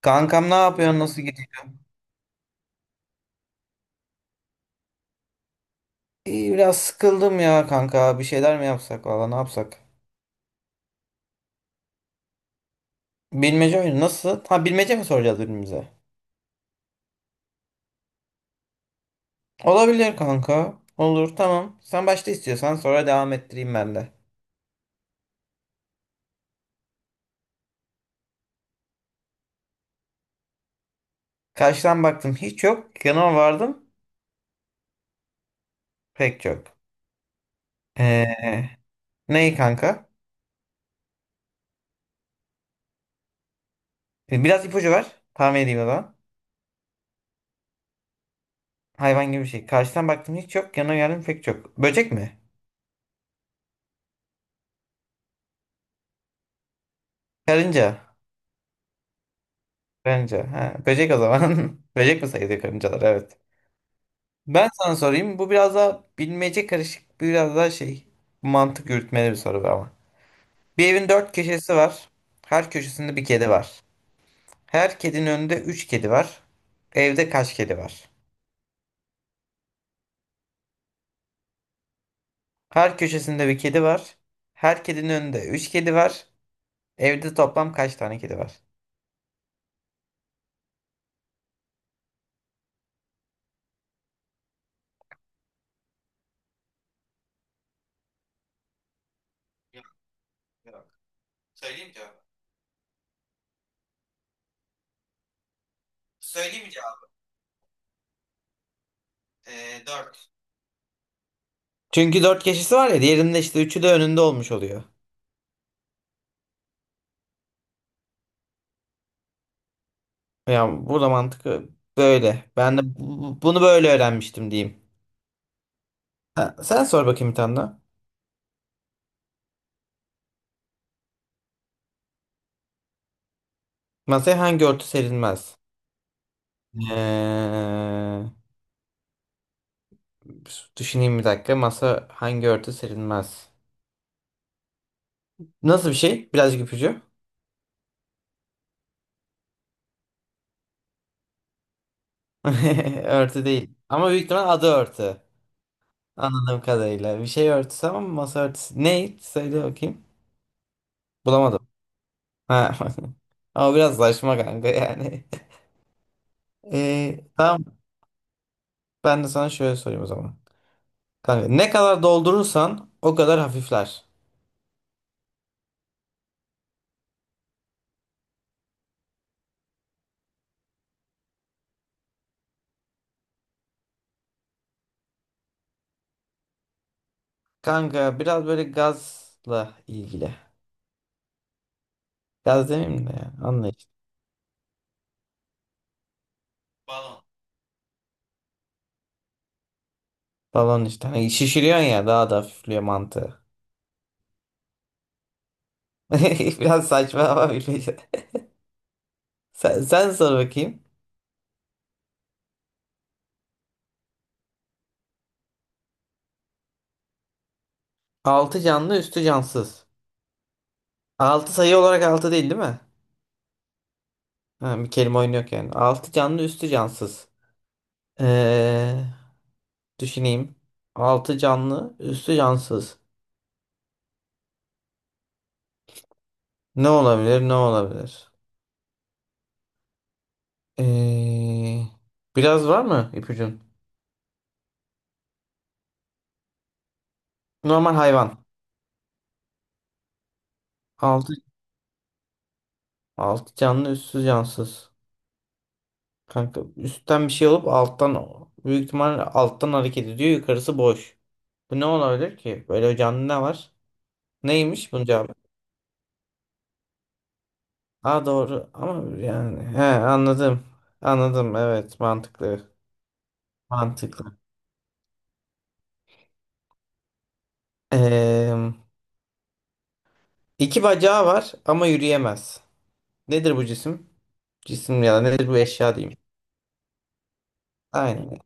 Kankam ne yapıyorsun? Nasıl gidiyor? İyi, biraz sıkıldım ya kanka. Bir şeyler mi yapsak valla ne yapsak? Bilmece oyunu nasıl? Ha bilmece mi soracağız birbirimize? Olabilir kanka. Olur tamam. Sen başta istiyorsan sonra devam ettireyim ben de. Karşıdan baktım hiç yok. Yanıma vardım pek çok. Ee, Neyi kanka? Biraz ipucu ver. Tahmin edeyim o zaman. Hayvan gibi bir şey. Karşıdan baktım hiç yok. Yanıma geldim pek çok. Böcek mi? Karınca. Karınca. Ha, böcek o zaman. Böcek mi sayılıyor karıncalar? Evet. Ben sana sorayım. Bu biraz daha bilmece karışık, biraz daha şey mantık yürütmeli bir soru bu ama. Bir evin dört köşesi var. Her köşesinde bir kedi var. Her kedinin önünde üç kedi var. Evde kaç kedi var? Her köşesinde bir kedi var. Her kedinin önünde üç kedi var. Evde toplam kaç tane kedi var? Yok yok. Söyleyeyim cevabı. Söyleyeyim mi cevabı? 4. Çünkü dört köşesi var ya diğerinde işte üçü de önünde olmuş oluyor. Yani burada mantık böyle. Ben de bunu böyle öğrenmiştim diyeyim. Ha, sen sor bakayım bir tane daha. Masaya hangi örtü serilmez? Ee, düşüneyim bir dakika. Masa hangi örtü serilmez? Nasıl bir şey? Birazcık ipucu. Örtü değil. Ama büyük ihtimal adı örtü. Anladığım kadarıyla. Bir şey örtüsü ama masa örtüsü. Ne? Söyle bakayım. Bulamadım. Ha. Ama biraz saçma kanka yani. Tamam. Ben de sana şöyle sorayım o zaman. Kanka ne kadar doldurursan o kadar hafifler. Kanka biraz böyle gazla ilgili. Gaz demeyeyim de ya. Anla işte. Balon. Balon işte. Hani şişiriyorsun ya daha da hafifliyor mantığı. Biraz saçma ama bilmiyorum. Sen sor bakayım. Altı canlı üstü cansız. Altı sayı olarak altı değil değil mi? Ha, bir kelime oyunu yok yani. Altı canlı üstü cansız. Ee, düşüneyim. Altı canlı üstü cansız. Ne olabilir ne olabilir? Ee, biraz var mı ipucun? Normal hayvan. Altı, altı canlı üstü cansız. Kanka üstten bir şey alıp alttan büyük ihtimal alttan hareket ediyor. Yukarısı boş. Bu ne olabilir ki? Böyle canlı ne var? Neymiş bunun cevabı? Aa doğru ama yani he anladım. Anladım evet mantıklı. Mantıklı. Ee, iki bacağı var ama yürüyemez. Nedir bu cisim? Cisim ya da nedir bu eşya diyeyim. Aynen.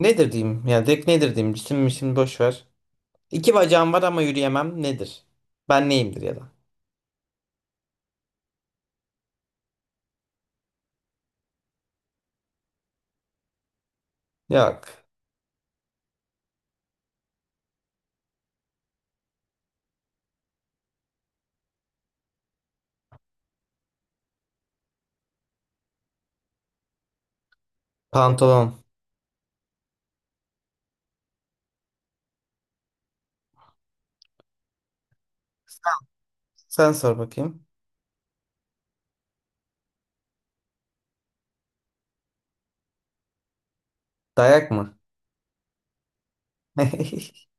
Nedir diyeyim? Ya direkt nedir diyeyim? Cisim mi şimdi boş ver. İki bacağım var ama yürüyemem. Nedir? Ben neyimdir ya da? Yok. Pantolon. Sen sor bakayım. Dayak mı?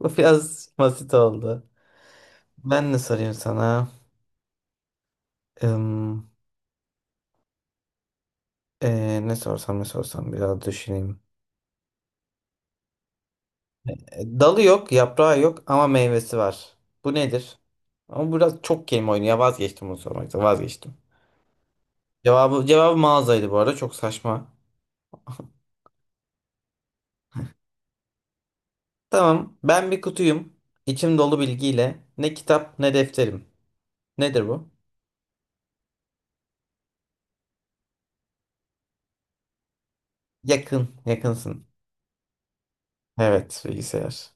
Bu biraz basit oldu. Ben ne sorayım sana? Im, ne sorsam ne sorsam biraz düşüneyim. Dalı yok, yaprağı yok ama meyvesi var. Bu nedir? Ama biraz çok kelime oyunu. Ya vazgeçtim bunu sormaktan. Vazgeçtim. Cevabı mağazaydı bu arada. Çok saçma. Tamam. Ben bir kutuyum. İçim dolu bilgiyle. Ne kitap ne defterim. Nedir bu? Yakın. Yakınsın. Evet, bilgisayar.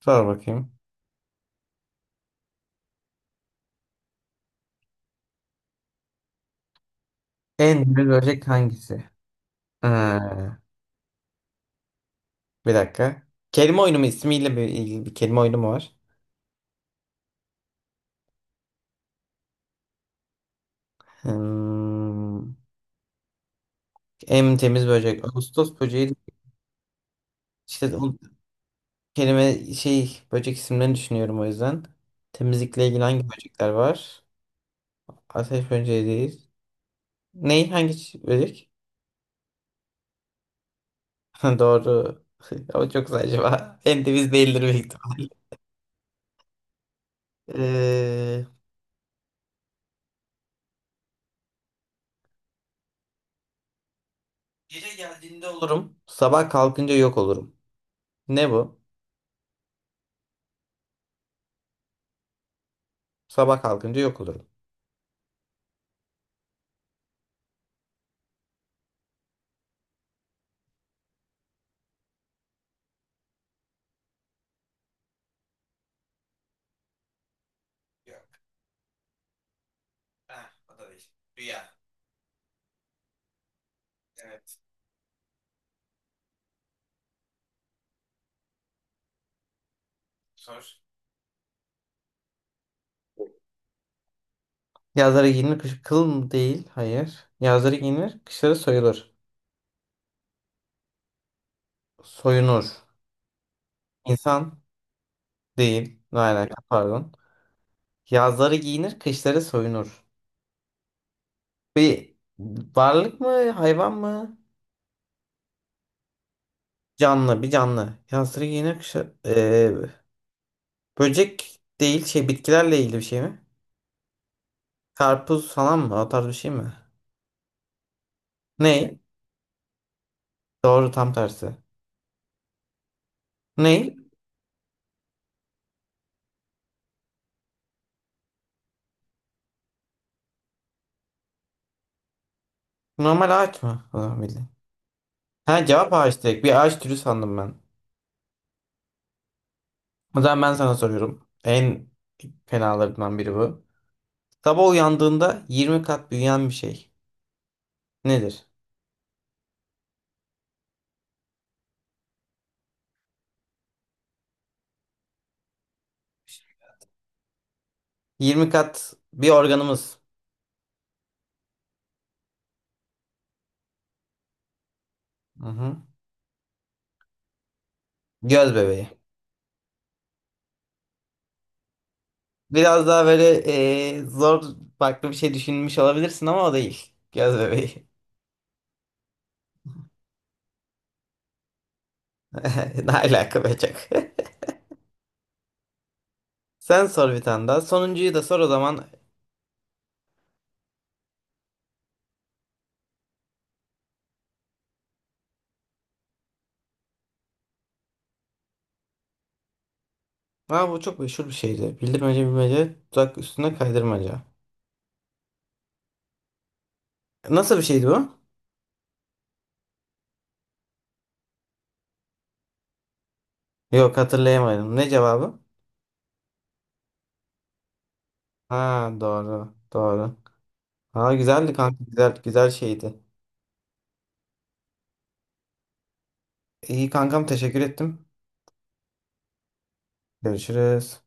Sor bakayım. En büyük böcek hangisi? Ee, bir dakika. Kelime oyunu mu? İsmiyle bir ilgili bir kelime oyunu mu var? Hmm, en temiz böcek. Ağustos böceği. İşte o kelime şey böcek isimlerini düşünüyorum o yüzden. Temizlikle ilgili hangi böcekler var? Ateş böceği değil. Ney? Hangi böcek? Doğru. Ama çok saçma. En temiz değildir büyük ihtimalle. Ee, gece geldiğinde olurum. Sabah kalkınca yok olurum. Ne bu? Sabah kalkınca yok olurum. Yok. Ah, o da değil. Rüya. Evet. Sor. Yazları giyinir, kış kıl mı değil? Hayır. Yazları giyinir, kışları soyulur. Soyunur. İnsan değil. Ne alaka pardon. Yazları giyinir, kışları soyunur. Bir varlık mı, hayvan mı? Canlı, bir canlı. Yazları giyinir, kışları... böcek değil, şey bitkilerle ilgili bir şey mi? Karpuz falan mı? O tarz bir şey mi? Ney? Doğru, tam tersi. Ney? Normal ağaç mı? O zaman bildim. Ha cevap ağaç direkt. Bir ağaç türü sandım ben. O zaman ben sana soruyorum. En fenalarından biri bu. Sabah uyandığında 20 kat büyüyen bir şey. Nedir? 20 kat bir organımız. Hı-hı. Göz bebeği. Biraz daha böyle zor farklı bir şey düşünmüş olabilirsin ama o değil. Göz bebeği. Ne alaka be çok. Sen sor bir tane daha. Sonuncuyu da sor o zaman. Ha bu çok meşhur bir şeydi. Bildirmece bilmece, tuzak üstüne kaydırmaca. Nasıl bir şeydi bu? Yok hatırlayamadım. Ne cevabı? Ha doğru. Doğru. Ha güzeldi kanka. Güzel güzel şeydi. İyi kankam teşekkür ettim. Görüşürüz.